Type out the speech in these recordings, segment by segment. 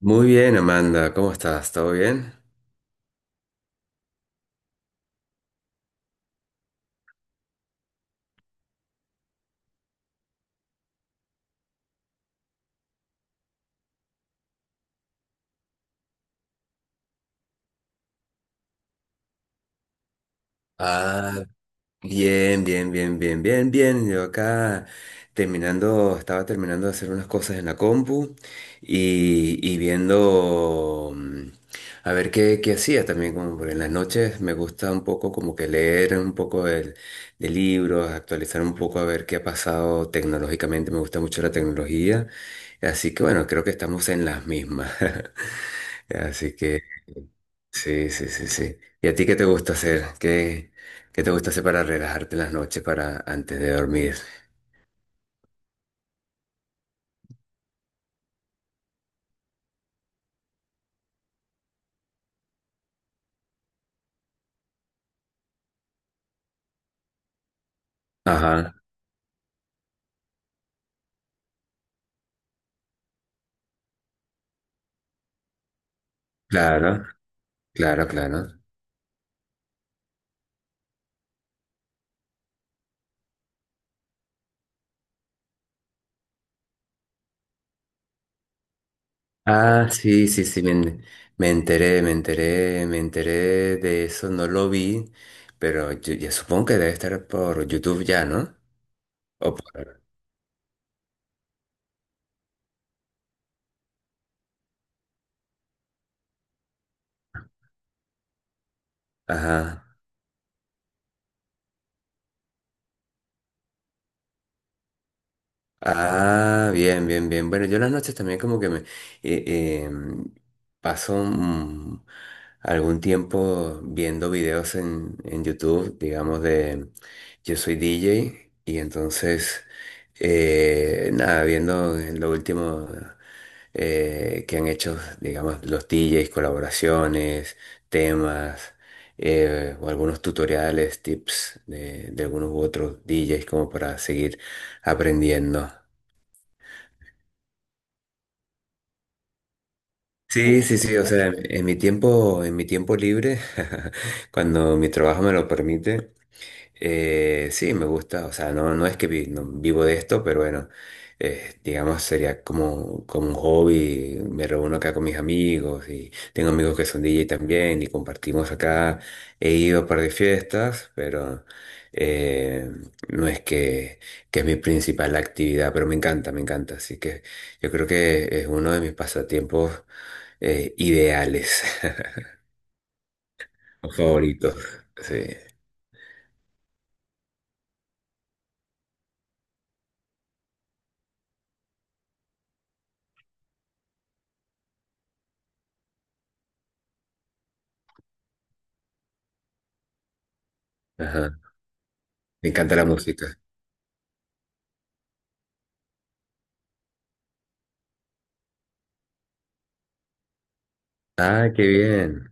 Muy bien, Amanda, ¿cómo estás? ¿Todo bien? Ah, bien, bien, bien, bien, bien, bien. Yo acá terminando, estaba terminando de hacer unas cosas en la compu y viendo a ver qué hacía también, como por en las noches me gusta un poco como que leer un poco de libros, actualizar un poco a ver qué ha pasado tecnológicamente. Me gusta mucho la tecnología, así que bueno, creo que estamos en las mismas. Así que. Sí, sí, sí, sí. ¿Y a ti qué te gusta hacer? ¿Qué te gusta hacer para relajarte las noches para antes de dormir? Ajá, claro, claro, claro. Ah, sí, sí, sí, me enteré de eso. No lo vi, pero yo, ya supongo que debe estar por YouTube ya, ¿no? O por. Ajá. Ah, bien, bien, bien. Bueno, yo las noches también como que me eh, paso algún tiempo viendo videos en YouTube, digamos de yo soy DJ y entonces nada, viendo lo último que han hecho, digamos, los DJs, colaboraciones, temas, o algunos tutoriales, tips de algunos u otros DJs como para seguir aprendiendo. Sí, sí, sí, o sea, en mi tiempo, libre, cuando mi trabajo me lo permite, sí, me gusta, o sea, no, no es que no vivo de esto. Pero bueno, digamos, sería como, como un hobby. Me reúno acá con mis amigos y tengo amigos que son DJ también, y compartimos acá. He ido a un par de fiestas, pero eh, no es que es mi principal actividad. Pero me encanta, así que yo creo que es uno de mis pasatiempos ideales, o favoritos. Sí. Ajá. Me encanta la música. Ah, qué bien.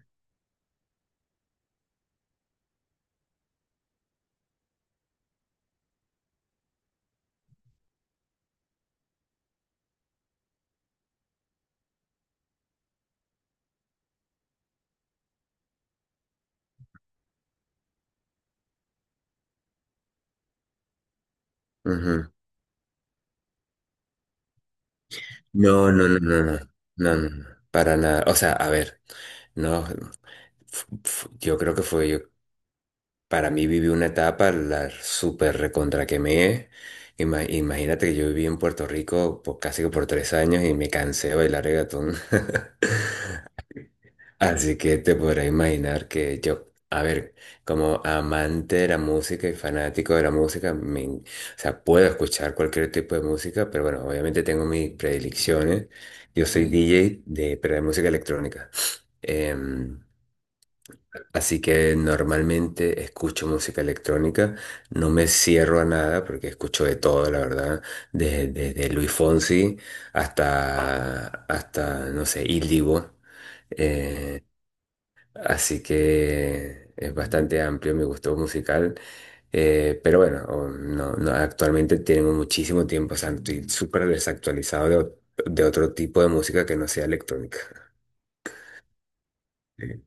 Ujú. No, no, no, no, no, no, no, no, para nada. O sea, a ver, no, yo creo que fue yo, para mí viví una etapa, la súper recontra quemé. Imagínate que yo viví en Puerto Rico por, casi que por 3 años, y me cansé de bailar reggaetón. Así que te podrás imaginar que yo, a ver, como amante de la música y fanático de la música, o sea, puedo escuchar cualquier tipo de música. Pero bueno, obviamente tengo mis predilecciones. Yo soy DJ de, pero de música electrónica. Em, así que normalmente escucho música electrónica. No me cierro a nada porque escucho de todo, la verdad, desde de Luis Fonsi hasta, hasta, no sé, Il Divo. Así que es bastante amplio mi gusto musical. Pero bueno, no, no, actualmente tengo muchísimo tiempo, o sea, estoy súper desactualizado de otro tipo de música que no sea electrónica. Sí.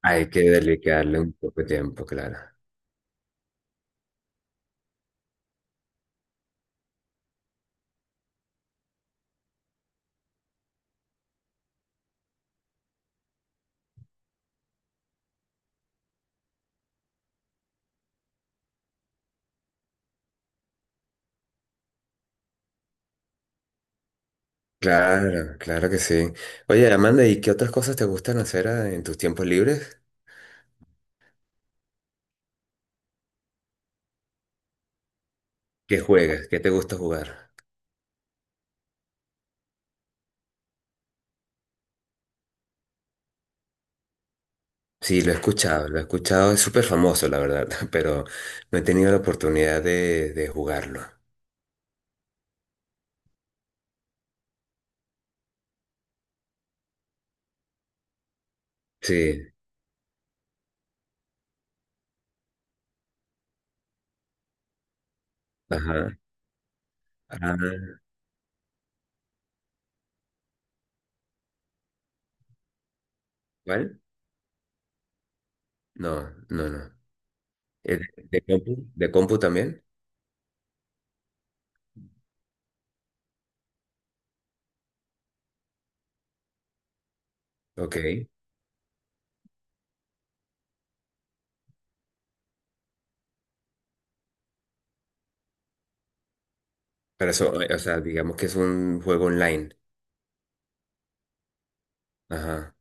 Hay que dedicarle un poco de tiempo, claro. Claro, claro que sí. Oye, Amanda, ¿y qué otras cosas te gustan hacer en tus tiempos libres? ¿Qué juegas? ¿Qué te gusta jugar? Sí, lo he escuchado, es súper famoso, la verdad, pero no he tenido la oportunidad de jugarlo. Sí. Ajá. Ah, ¿cuál? No, no, no. Eh, ¿De compu? ¿De compu también? Ok. Pero eso, o sea, digamos que es un juego online. Ajá.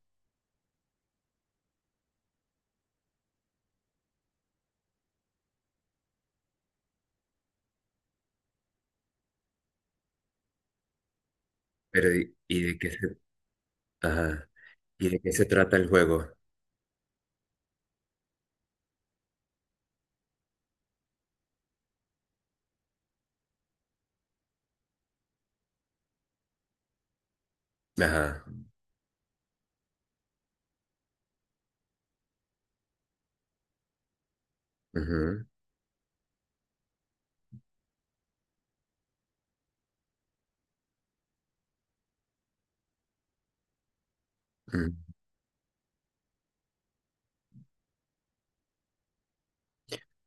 Pero, ¿y de qué se? Ajá. ¿Y de qué se trata el juego? Ajá. Ujú, ujú.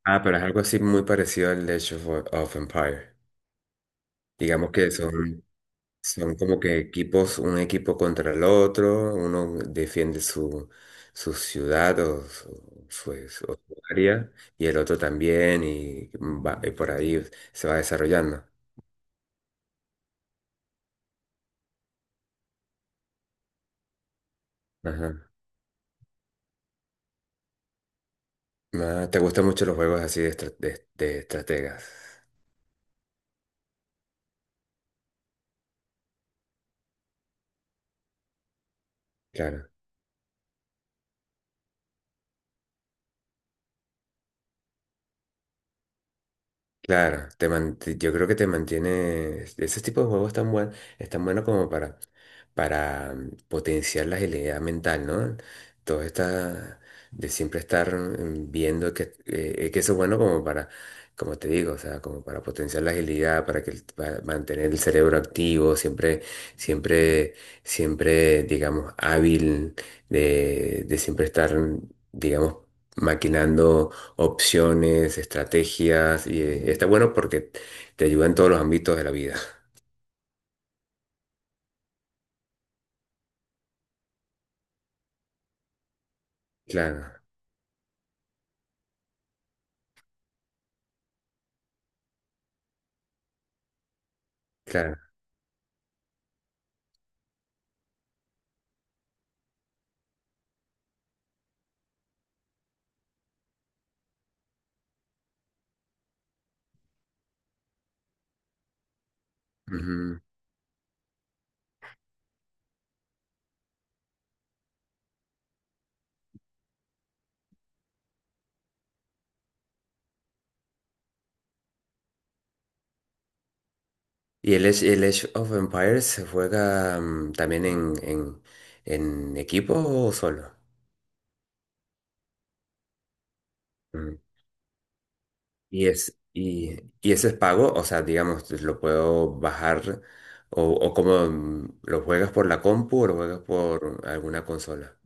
Ah, pero es algo así muy parecido al Age of Empire. Digamos que son, Son como que equipos, un equipo contra el otro. Uno defiende su ciudad o su área, y el otro también y por ahí se va desarrollando. Ajá. Ah, ¿te gustan mucho los juegos así de estrategas? Claro. Claro, yo creo que te mantiene. Ese tipo de juegos es tan bueno como para potenciar la agilidad mental, ¿no? Todo está de siempre estar viendo que eso es bueno como para, como te digo, o sea, como para potenciar la agilidad, para mantener el cerebro activo, siempre, siempre, siempre, digamos, hábil, de siempre estar, digamos, maquinando opciones, estrategias, y está bueno porque te ayuda en todos los ámbitos de la vida. Claro, claro. Ujú. Y el Age of Empires se juega también en equipo o solo. Mm. Y es, y, y ese es pago, o sea, digamos, lo puedo bajar o como lo juegas por la compu o lo juegas por alguna consola.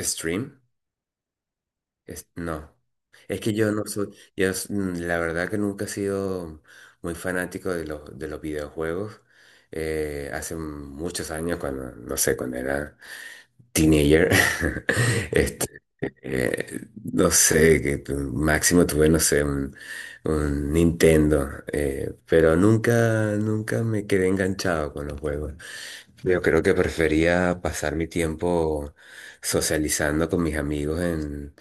Stream. No, es que yo no soy, la verdad que nunca he sido muy fanático de los videojuegos. Hace muchos años, cuando, no sé, cuando era teenager, este, no sé, que máximo tuve, no sé, un Nintendo, pero nunca, nunca me quedé enganchado con los juegos. Yo creo que prefería pasar mi tiempo socializando con mis amigos en,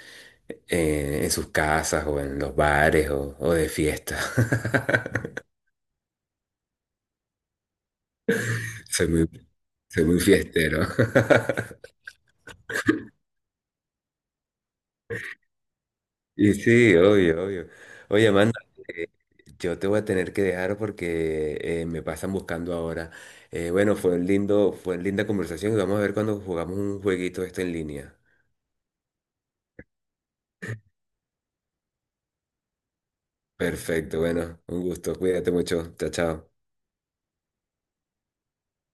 eh, en sus casas o, en los bares o de fiesta. Soy muy, soy muy fiestero. Y sí, obvio, obvio. Oye, Amanda, eh, yo te voy a tener que dejar porque me pasan buscando ahora. Bueno, fue linda conversación, y vamos a ver cuando jugamos un jueguito esto en línea. Perfecto, bueno, un gusto. Cuídate mucho. Chao, chao.